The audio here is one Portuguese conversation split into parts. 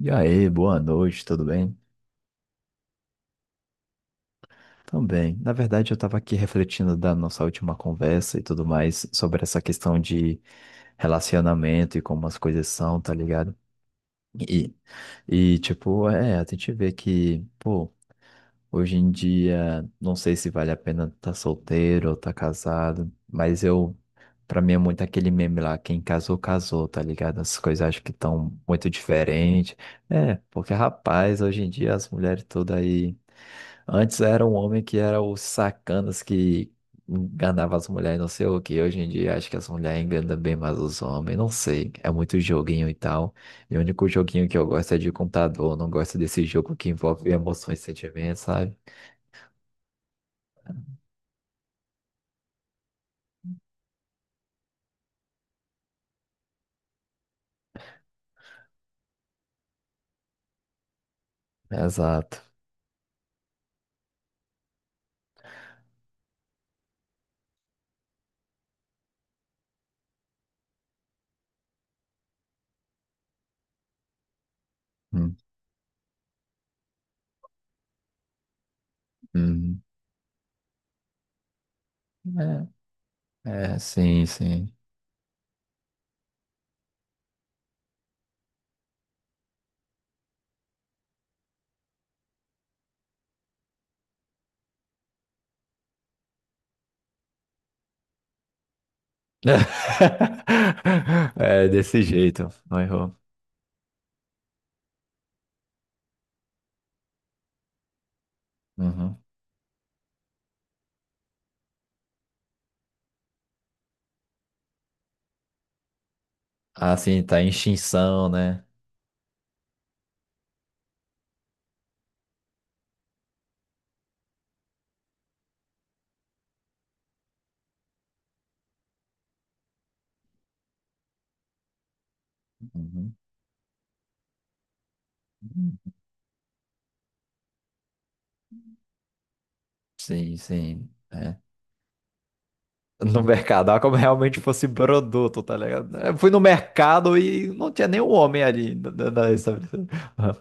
E aí, boa noite, tudo bem? Também. Na verdade, eu estava aqui refletindo da nossa última conversa e tudo mais sobre essa questão de relacionamento e como as coisas são, tá ligado? E, e tipo, é, a gente vê que, pô, hoje em dia, não sei se vale a pena estar solteiro ou tá casado, mas eu, pra mim é muito aquele meme lá, quem casou, casou, tá ligado? As coisas acho que estão muito diferentes. É, porque rapaz, hoje em dia as mulheres todas aí. Antes era um homem que era o sacanas que enganava as mulheres, não sei o que. Hoje em dia acho que as mulheres enganam bem mais os homens, não sei. É muito joguinho e tal. E o único joguinho que eu gosto é de computador, não gosto desse jogo que envolve emoções e sentimentos, sabe? Exato. Hum, hum. É, é, sim, sim. É desse jeito, não errou. Uhum. Ah, sim, tá em extinção, né? Uhum. Sim, sim. É. No mercado, era como realmente fosse produto, tá ligado? Eu fui no mercado e não tinha nenhum homem ali na estabelecimento. Aham.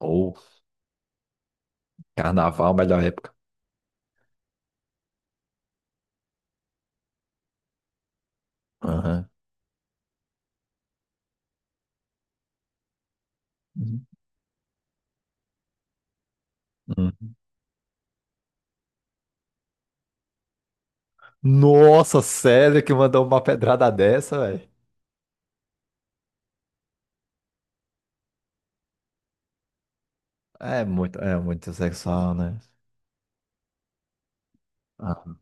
Ou carnaval, melhor época. Aham. Uhum. Uhum. Nossa, sério que mandou uma pedrada dessa, velho? É muito sexual, né? Ah.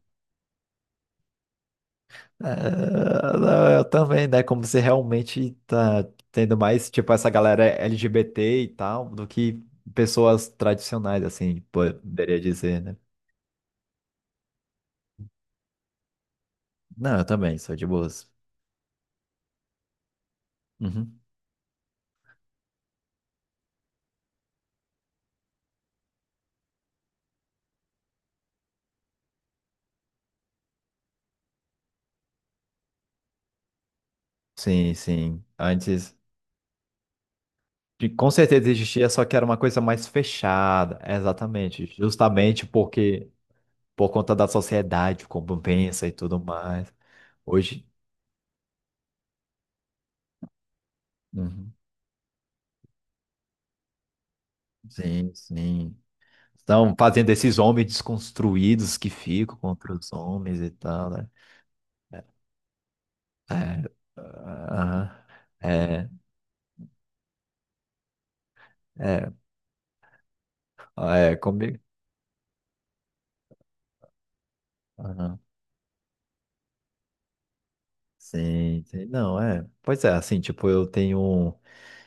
É, não, eu também, né? Como se realmente tá tendo mais, tipo, essa galera LGBT e tal, do que pessoas tradicionais, assim, poderia dizer, né? Não, eu também, sou de boas. Uhum. Sim, sim. Antes, com certeza existia, só que era uma coisa mais fechada. Exatamente. Justamente porque, por conta da sociedade, como pensa e tudo mais. Hoje. Uhum. Sim, sim. Estão fazendo esses homens desconstruídos que ficam contra os homens e tal, né? É. É, aham. É, é, ah, é, comigo. Aham. Sim, sim. Não, é. Pois é, assim, tipo, eu tenho um.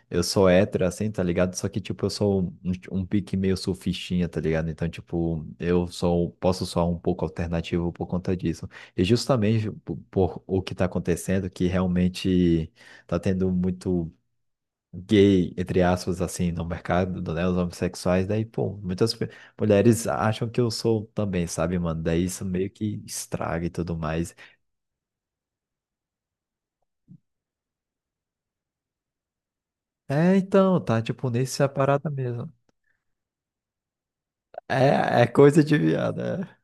Eu sou hétero, assim, tá ligado? Só que, tipo, eu sou um pique meio surfistinha, tá ligado? Então, tipo, eu sou, posso soar um pouco alternativo por conta disso. E justamente por o que tá acontecendo, que realmente tá tendo muito gay, entre aspas, assim, no mercado, né? Os homossexuais, daí, pô, muitas mulheres acham que eu sou também, sabe, mano? Daí isso meio que estraga e tudo mais. É, então, tá, tipo, nessa parada mesmo. É, é coisa de viado, é.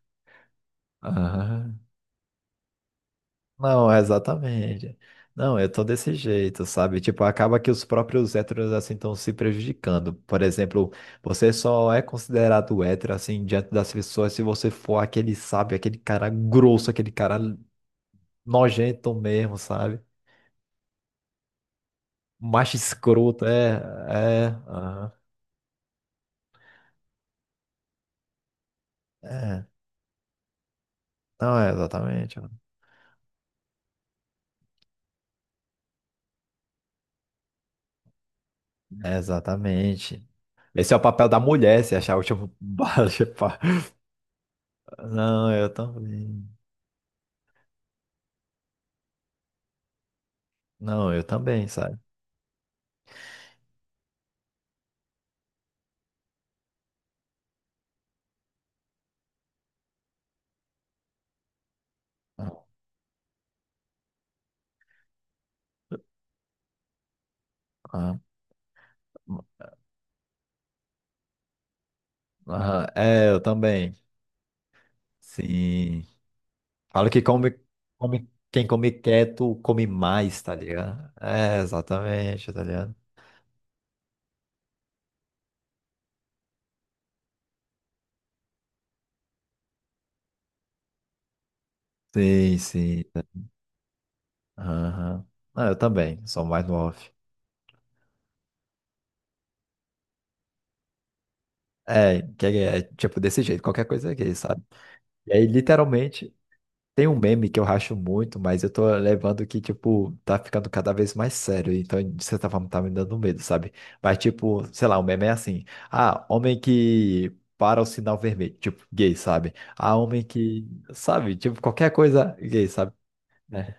Aham. Não, exatamente. Não, eu tô desse jeito, sabe? Tipo, acaba que os próprios héteros assim estão se prejudicando. Por exemplo, você só é considerado hétero assim diante das pessoas se você for aquele, sabe, aquele cara grosso, aquele cara nojento mesmo, sabe? Macho escroto, é, é, aham, é. Não, é exatamente, é exatamente. Esse é o papel da mulher, se achar o último baixo, pá. Não, eu também. Não, eu também, sabe? Ah, ah. Aham, é, eu também. Sim. Falo que come, come, quem come quieto come mais, tá ligado? É, exatamente, tá ligado? Sim, sim. Aham. Ah, eu também, sou mais no off. É, que é, é tipo desse jeito, qualquer coisa aqui, sabe? E aí, literalmente, tem um meme que eu racho muito, mas eu tô levando que, tipo, tá ficando cada vez mais sério. Então, de certa forma, tá me dando medo, sabe? Mas, tipo, sei lá, o meme é assim. Ah, homem que para o sinal vermelho. Tipo, gay, sabe? Ah, homem que, sabe? Tipo, qualquer coisa gay, sabe? É.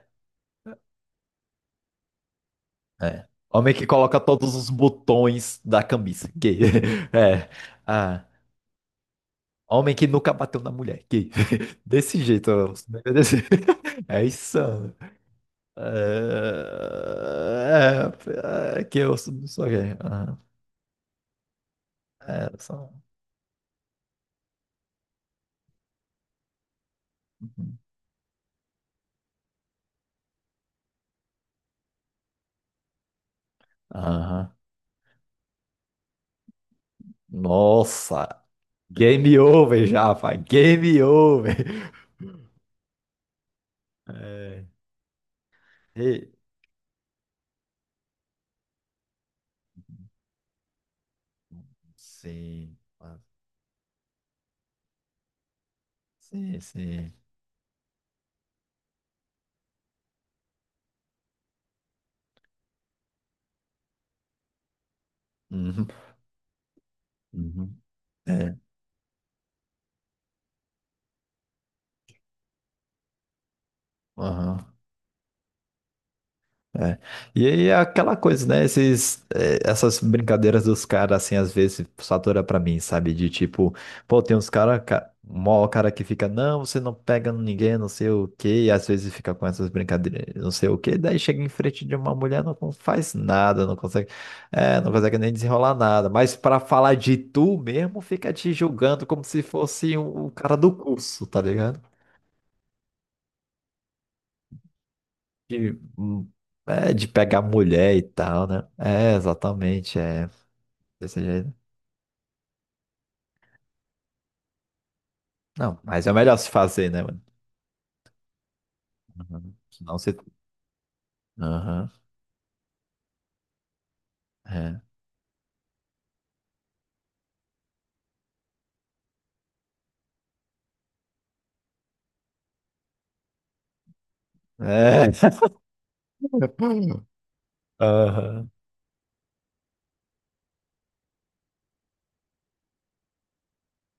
É. Homem que coloca todos os botões da camisa. Gay. É. Ah, homem que nunca bateu na mulher. Gay. Desse jeito. Os memes é desse... É isso. É, é que eu sou gay. Aham. É, um, uhum. Aham. Nossa, game over já, pai. Game over. É, e- sim, sim, sim. Uhum, uhum. É, aham. É. E aí é aquela coisa, né? Essas brincadeiras dos caras, assim, às vezes satura pra mim, sabe? De tipo, pô, tem uns caras, mó cara que fica, não, você não pega ninguém, não sei o quê, e às vezes fica com essas brincadeiras, não sei o quê, daí chega em frente de uma mulher, não faz nada, não consegue, é, não consegue nem desenrolar nada, mas pra falar de tu mesmo, fica te julgando como se fosse um cara do curso, tá ligado? de, hum, de pegar mulher e tal, né? É, exatamente, é desse jeito. Não, mas é o melhor se fazer, né, mano? Uhum. Senão você. Aham, é. É. Aham.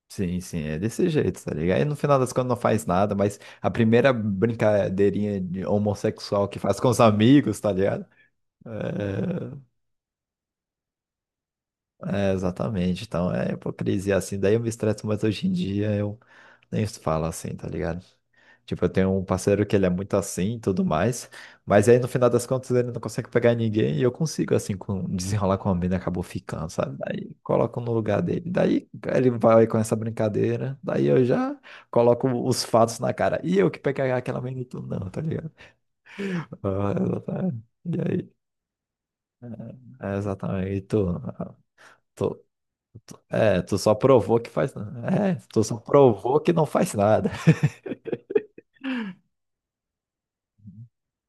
Sim, sim, é desse jeito, tá ligado? Aí no final das contas não faz nada, mas a primeira brincadeirinha de homossexual que faz com os amigos, tá ligado? É, é, exatamente, então é hipocrisia assim. Daí eu me estresso, mas hoje em dia eu nem falo assim, tá ligado? Tipo, eu tenho um parceiro que ele é muito assim e tudo mais, mas aí no final das contas ele não consegue pegar ninguém e eu consigo, assim, desenrolar com a mina, acabou ficando, sabe? Daí coloco no lugar dele. Daí ele vai com essa brincadeira, daí eu já coloco os fatos na cara. E eu que peguei aquela mina e tu não, tá ligado? Ah, exatamente. E aí? É, exatamente. E tu, ah, tu, é, tu só provou que faz. Né? É, tu só provou que não faz nada.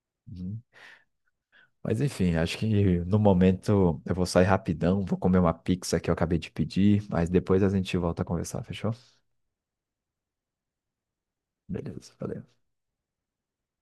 Mas enfim, acho que no momento eu vou sair rapidão, vou comer uma pizza que eu acabei de pedir, mas depois a gente volta a conversar, fechou? Beleza, valeu.